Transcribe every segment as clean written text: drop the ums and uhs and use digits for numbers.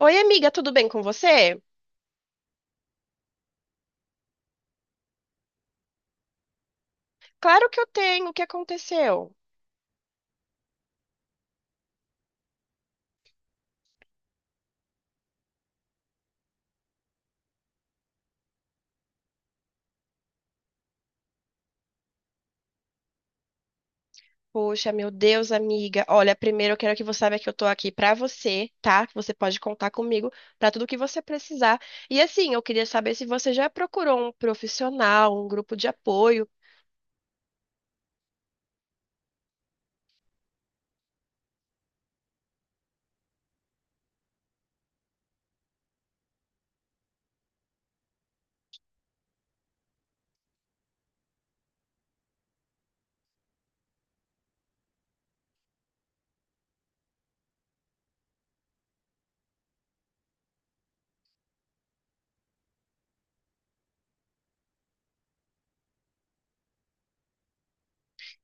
Oi, amiga, tudo bem com você? Claro que eu tenho. O que aconteceu? Poxa, meu Deus, amiga. Olha, primeiro eu quero que você saiba que eu tô aqui pra você, tá? Que Você pode contar comigo pra tudo que você precisar. E assim, eu queria saber se você já procurou um profissional, um grupo de apoio.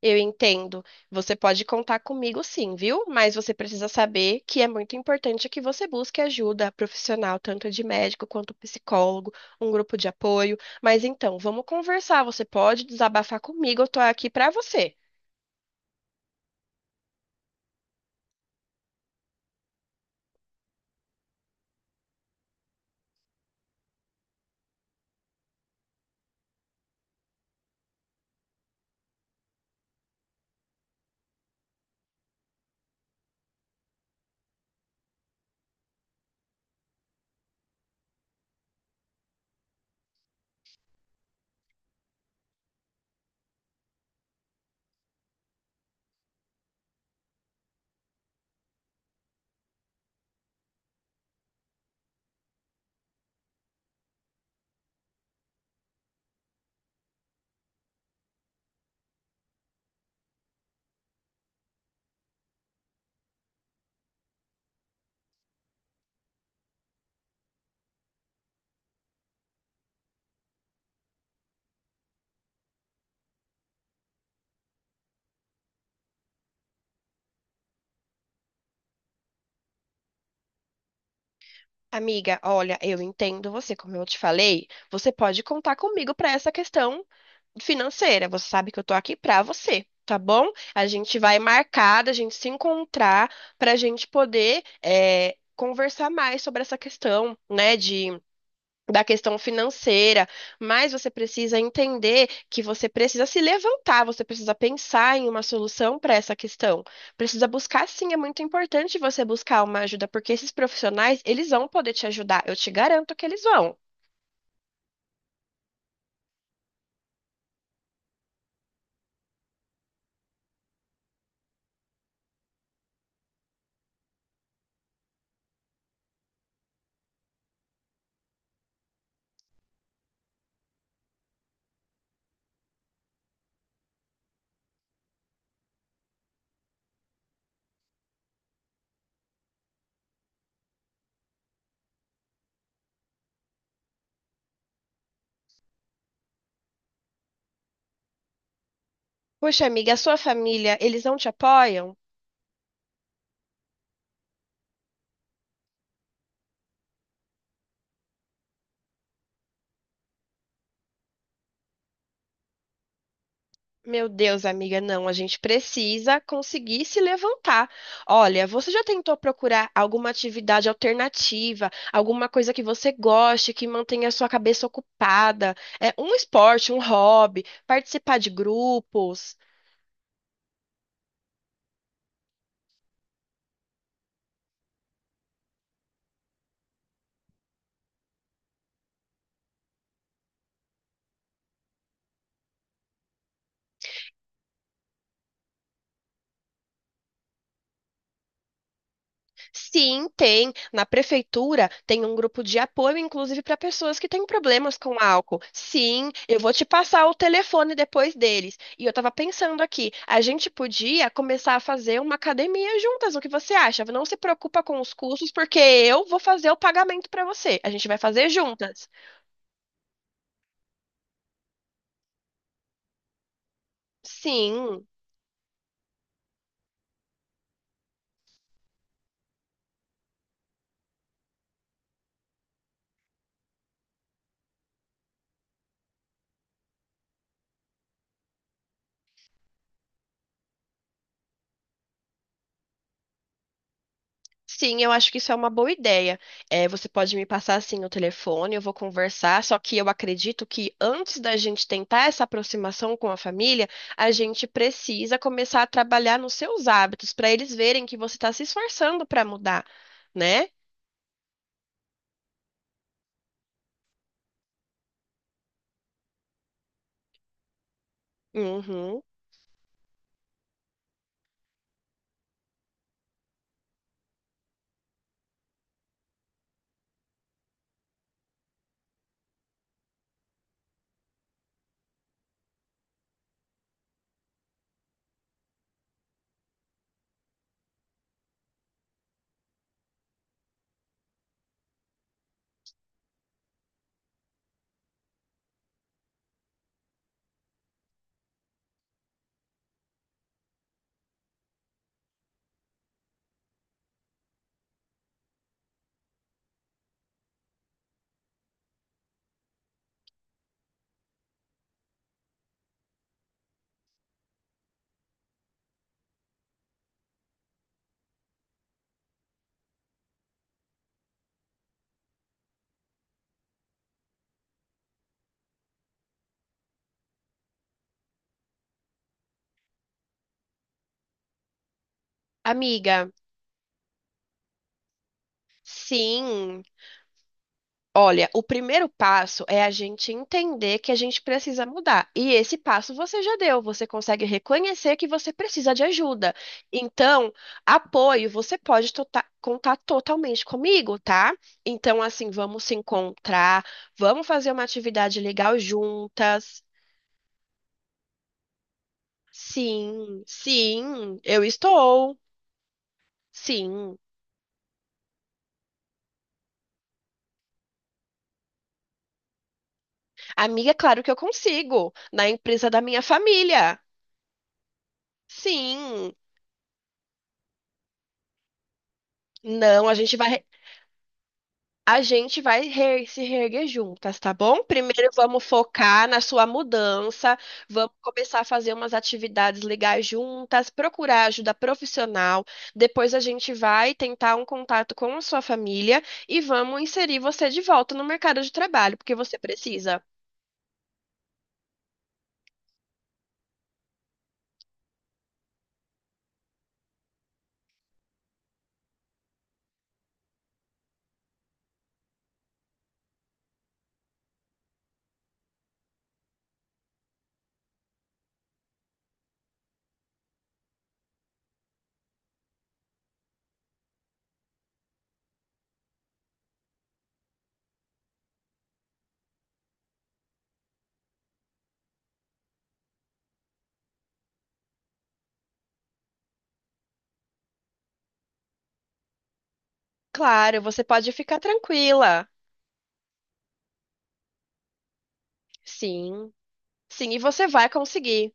Eu entendo. Você pode contar comigo sim, viu? Mas você precisa saber que é muito importante que você busque ajuda profissional, tanto de médico quanto psicólogo, um grupo de apoio. Mas então, vamos conversar. Você pode desabafar comigo, eu tô aqui pra você. Amiga, olha, eu entendo você, como eu te falei, você pode contar comigo pra essa questão financeira. Você sabe que eu tô aqui pra você, tá bom? A gente vai marcar, a gente se encontrar pra gente poder conversar mais sobre essa questão, né, de da questão financeira. Mas você precisa entender que você precisa se levantar, você precisa pensar em uma solução para essa questão. Precisa buscar, sim, é muito importante você buscar uma ajuda, porque esses profissionais, eles vão poder te ajudar. Eu te garanto que eles vão. Poxa, amiga, a sua família, eles não te apoiam? Meu Deus, amiga, não, a gente precisa conseguir se levantar. Olha, você já tentou procurar alguma atividade alternativa, alguma coisa que você goste, que mantenha a sua cabeça ocupada? É um esporte, um hobby, participar de grupos? Sim, tem. Na prefeitura tem um grupo de apoio, inclusive para pessoas que têm problemas com álcool. Sim, eu vou te passar o telefone depois deles. E eu tava pensando aqui, a gente podia começar a fazer uma academia juntas. O que você acha? Não se preocupa com os custos, porque eu vou fazer o pagamento para você. A gente vai fazer juntas. Sim. Sim, eu acho que isso é uma boa ideia. É, você pode me passar assim o telefone, eu vou conversar, só que eu acredito que antes da gente tentar essa aproximação com a família, a gente precisa começar a trabalhar nos seus hábitos, para eles verem que você está se esforçando para mudar, né? Uhum. Amiga, sim, olha, o primeiro passo é a gente entender que a gente precisa mudar. E esse passo você já deu, você consegue reconhecer que você precisa de ajuda. Então, apoio, você pode contar totalmente comigo, tá? Então, assim, vamos se encontrar, vamos fazer uma atividade legal juntas. Sim, sim, eu estou. Sim. Amiga, claro que eu consigo, na empresa da minha família. Sim. Não, a gente vai. A gente vai se reerguer juntas, tá bom? Primeiro vamos focar na sua mudança, vamos começar a fazer umas atividades legais juntas, procurar ajuda profissional. Depois a gente vai tentar um contato com a sua família e vamos inserir você de volta no mercado de trabalho, porque você precisa. Claro, você pode ficar tranquila. Sim, sim, e você vai conseguir.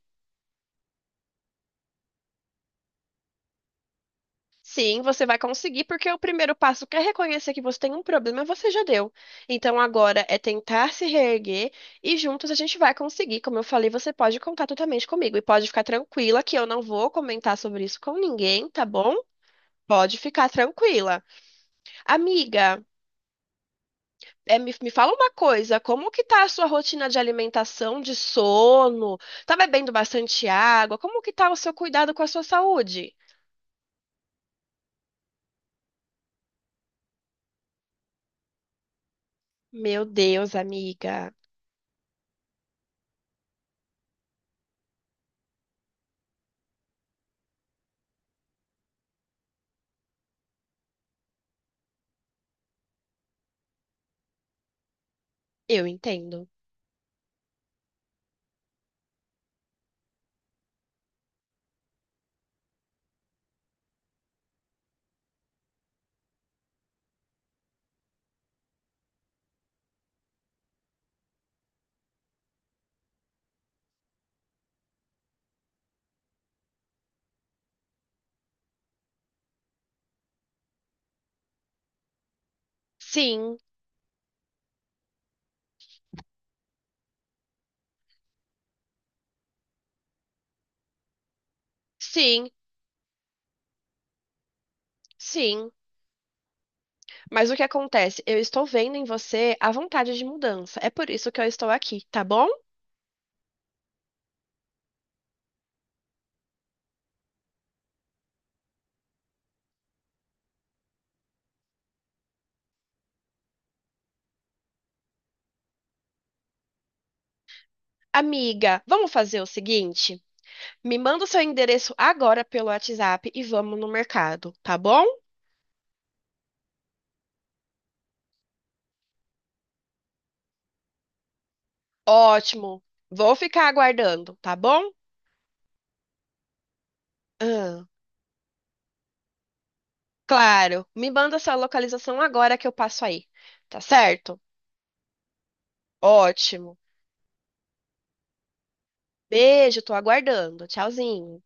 Sim, você vai conseguir, porque o primeiro passo que é reconhecer que você tem um problema, você já deu. Então agora é tentar se reerguer e juntos a gente vai conseguir. Como eu falei, você pode contar totalmente comigo e pode ficar tranquila que eu não vou comentar sobre isso com ninguém, tá bom? Pode ficar tranquila. Amiga, me fala uma coisa, como que tá a sua rotina de alimentação, de sono? Tá bebendo bastante água? Como que tá o seu cuidado com a sua saúde? Meu Deus, amiga, eu entendo. Sim, sim, sim. Mas o que acontece? Eu estou vendo em você a vontade de mudança. É por isso que eu estou aqui, tá bom? Amiga, vamos fazer o seguinte? Me manda o seu endereço agora pelo WhatsApp e vamos no mercado, tá bom? Ótimo. Vou ficar aguardando, tá bom? Ah, claro. Me manda sua localização agora que eu passo aí, tá certo? Ótimo. Beijo, tô aguardando. Tchauzinho.